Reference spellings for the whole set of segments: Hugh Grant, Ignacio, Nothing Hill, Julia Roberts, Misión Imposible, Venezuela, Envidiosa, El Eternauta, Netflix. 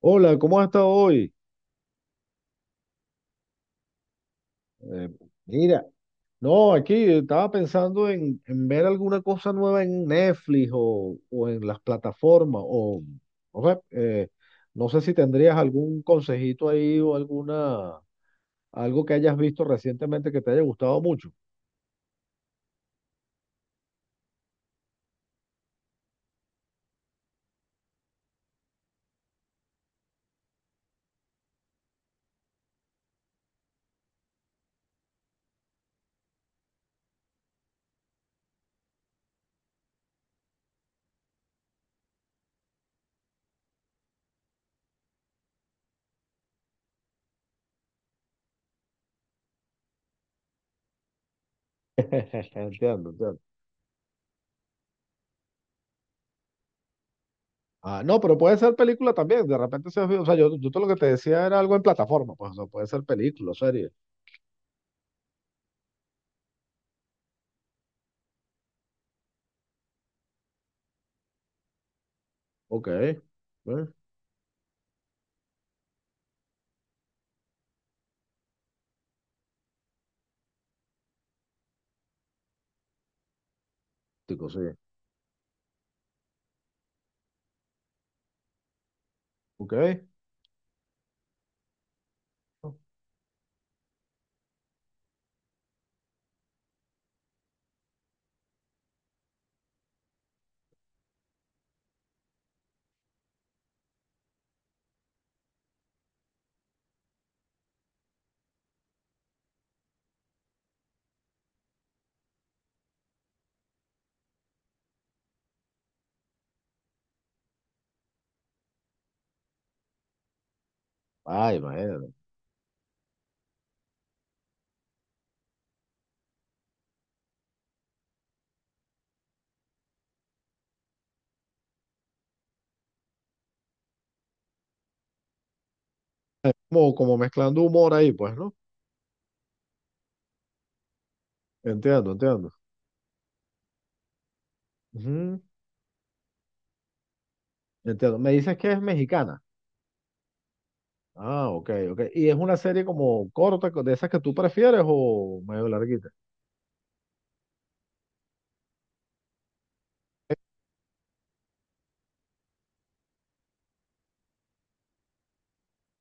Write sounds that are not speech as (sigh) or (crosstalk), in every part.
Hola, ¿cómo has estado hoy? Eh, Mira, no, aquí estaba pensando en ver alguna cosa nueva en Netflix o en las plataformas, o, ¿no? Sea, no sé si tendrías algún consejito ahí o alguna, algo que hayas visto recientemente que te haya gustado mucho. (laughs) Entiendo, entiendo. Ah, no, pero puede ser película también, de repente se, o sea, yo todo lo que te decía era algo en plataforma, pues, o sea, puede ser película, serie. Ok, tico, sí, ok. Ay, imagínate. Como, como mezclando humor ahí, pues, ¿no? Entiendo, entiendo. Ujú, entiendo. Me dices que es mexicana. Ah, ok, ok. ¿Y es una serie como corta, de esas que tú prefieres o medio larguita?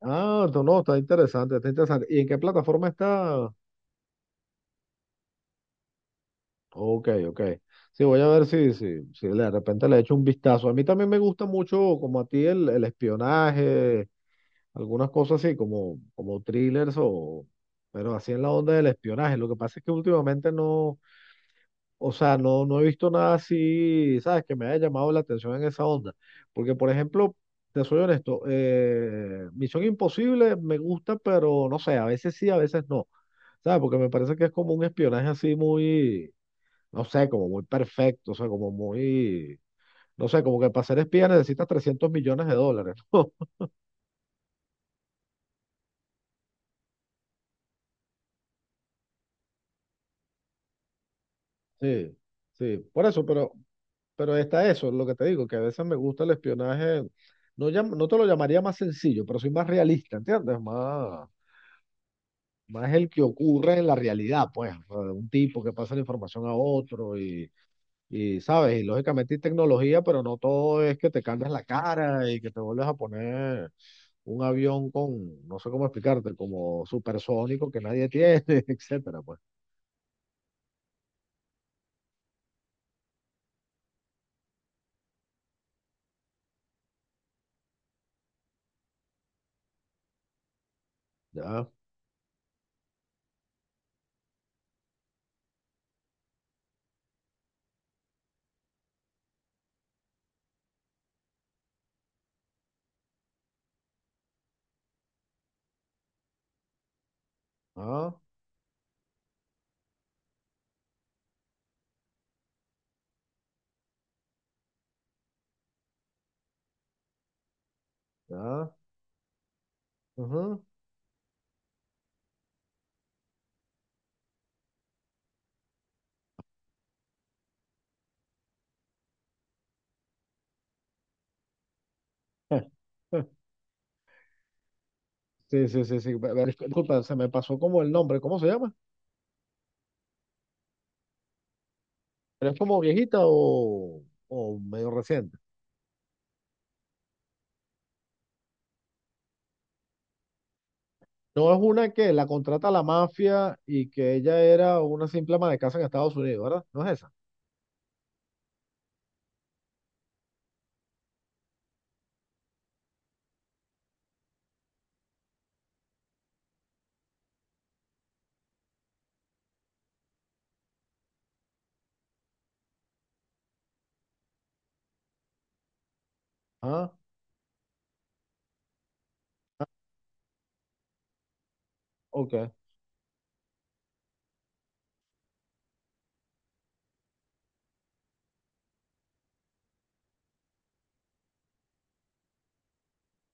Ah, no, no, está interesante, está interesante. ¿Y en qué plataforma está? Ok, ok. Sí, voy a ver si de repente le echo un vistazo. A mí también me gusta mucho, como a ti, el espionaje, algunas cosas así, como, como thrillers o, pero así en la onda del espionaje. Lo que pasa es que últimamente no. O sea, no, no he visto nada así, ¿sabes? Que me haya llamado la atención en esa onda. Porque, por ejemplo, te soy honesto, Misión Imposible me gusta, pero no sé, a veces sí, a veces no. ¿Sabes? Porque me parece que es como un espionaje así muy, no sé, como muy perfecto, o sea, como muy, no sé, como que para ser espía necesitas 300 millones de dólares, (laughs) ¿no? Sí, sí, por eso, pero está eso, lo que te digo, que a veces me gusta el espionaje, no, no te lo llamaría más sencillo, pero soy más realista, ¿entiendes? Más, más el que ocurre en la realidad, pues, o sea, un tipo que pasa la información a otro y, ¿sabes? Y lógicamente hay tecnología, pero no todo es que te cambias la cara y que te vuelves a poner un avión con, no sé cómo explicarte, como supersónico que nadie tiene, (laughs) etcétera, pues, ya, ah, ya, ujú. (laughs) Sí, sí, sí, sí. Disculpa, se me pasó como el nombre. ¿Cómo se llama? ¿Pero es como viejita o medio reciente? No es una que la contrata la mafia y que ella era una simple ama de casa en Estados Unidos, ¿verdad? ¿No es esa? Ah, ok,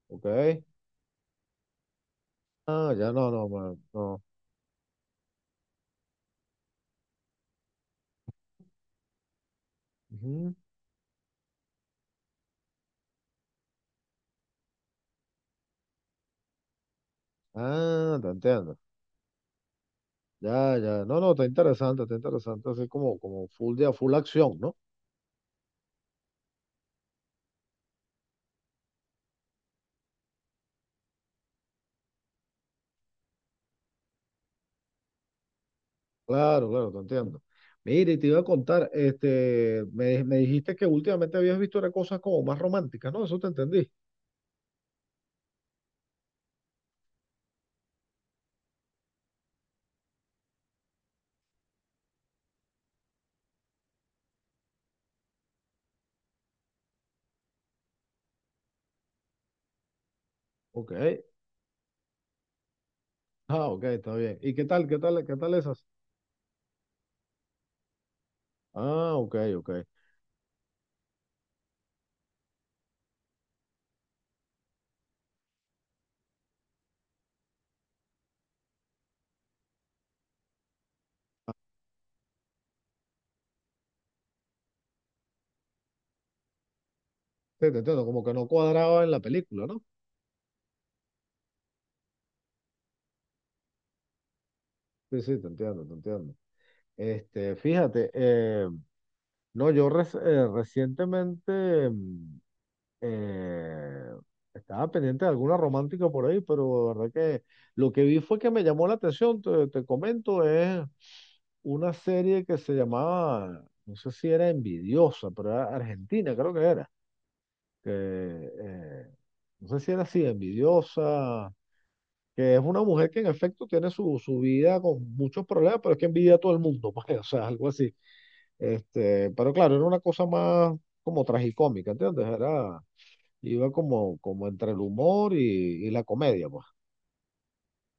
ok. Ah, ya no, no, no. Ujú. Ah, te entiendo. Ya, ya. No, no, está interesante, está interesante. Así como, como full de full acción, ¿no? Claro, claro, te entiendo. Mire, y te iba a contar, este, me dijiste que últimamente habías visto era cosas como más románticas, ¿no? Eso te entendí. Ok. Ah, ok, está bien. ¿Y qué tal, qué tal, qué tal esas? Ah, ok, ok. Sí, te entiendo, como que no cuadraba en la película, ¿no? Sí, sí, te entiendo, te entiendo. Este, fíjate, no, yo recientemente. Eh, Estaba pendiente de alguna romántica por ahí, pero la verdad que lo que vi fue que me llamó la atención, te comento, es una serie que se llamaba, no sé si era Envidiosa, pero era Argentina, creo que era, que, no sé si era así, Envidiosa, que es una mujer que en efecto tiene su vida con muchos problemas, pero es que envidia a todo el mundo, (laughs) pues, o sea, algo así. Este, pero claro, era una cosa más como tragicómica, ¿entiendes? Era iba como, como entre el humor y la comedia, pues.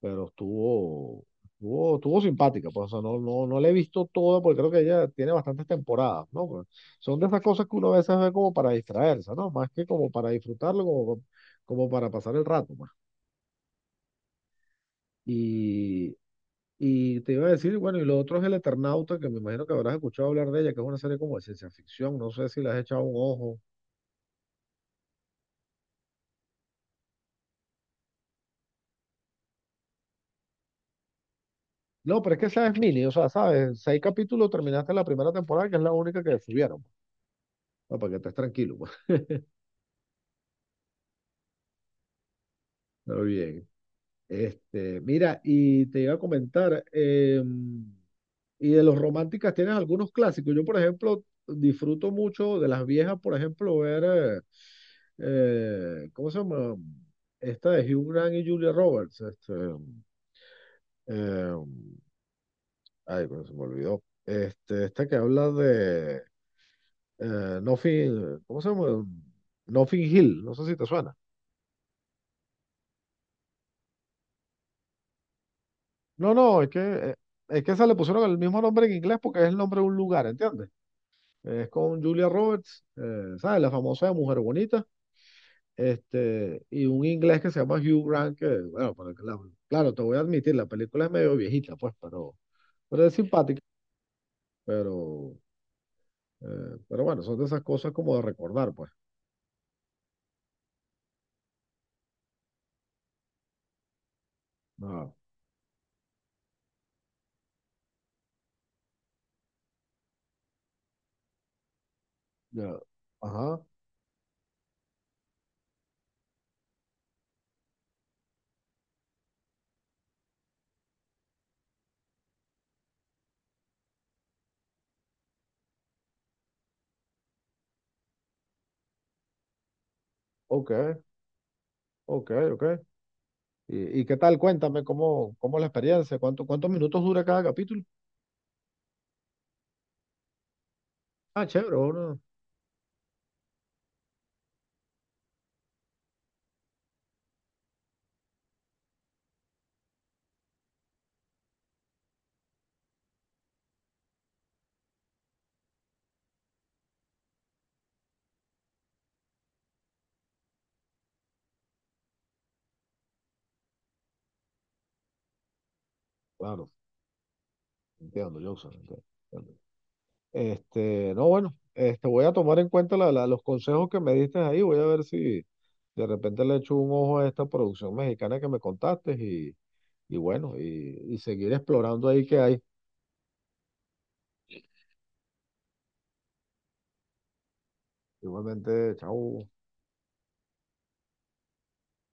Pero estuvo simpática, pues. O sea, no, no, no la he visto toda porque creo que ella tiene bastantes temporadas, ¿no? Pero son de esas cosas que uno a veces ve como para distraerse, ¿no? Más que como para disfrutarlo, como, como para pasar el rato, pues. Y, y te iba a decir, bueno, y lo otro es El Eternauta, que me imagino que habrás escuchado hablar de ella, que es una serie como de ciencia ficción, no sé si le has echado un ojo. No, pero es que esa es mini, o sea, sabes, seis capítulos terminaste la primera temporada, que es la única que subieron, pues. No, para que estés tranquilo, pues. (laughs) Está bien. Este, mira, y te iba a comentar, y de los románticas tienes algunos clásicos. Yo, por ejemplo, disfruto mucho de las viejas, por ejemplo, ver, ¿cómo se llama? Esta de Hugh Grant y Julia Roberts. Este, eh, ay, pero se me olvidó. Este, esta que habla de Nothing, ¿cómo se llama? Nothing Hill, no sé si te suena. No, no, es que se le pusieron el mismo nombre en inglés porque es el nombre de un lugar, ¿entiendes? Es con Julia Roberts, ¿sabes? La famosa Mujer Bonita, este, y un inglés que se llama Hugh Grant, que, bueno, para que claro, te voy a admitir, la película es medio viejita, pues, pero es simpática, pero, pero bueno, son de esas cosas como de recordar, pues. Ah, ya. Ajá, ok, ok, ok. ¿Y qué tal? Cuéntame, ¿cómo, cómo la experiencia? ¿Cuántos minutos dura cada capítulo? Ah, chévere, bueno. Claro. Entiendo, Johnson. Entiendo, entiendo. Este, no, bueno, este, voy a tomar en cuenta los consejos que me diste ahí. Voy a ver si de repente le echo un ojo a esta producción mexicana que me contaste y bueno, y seguir explorando ahí que hay. Igualmente, chao.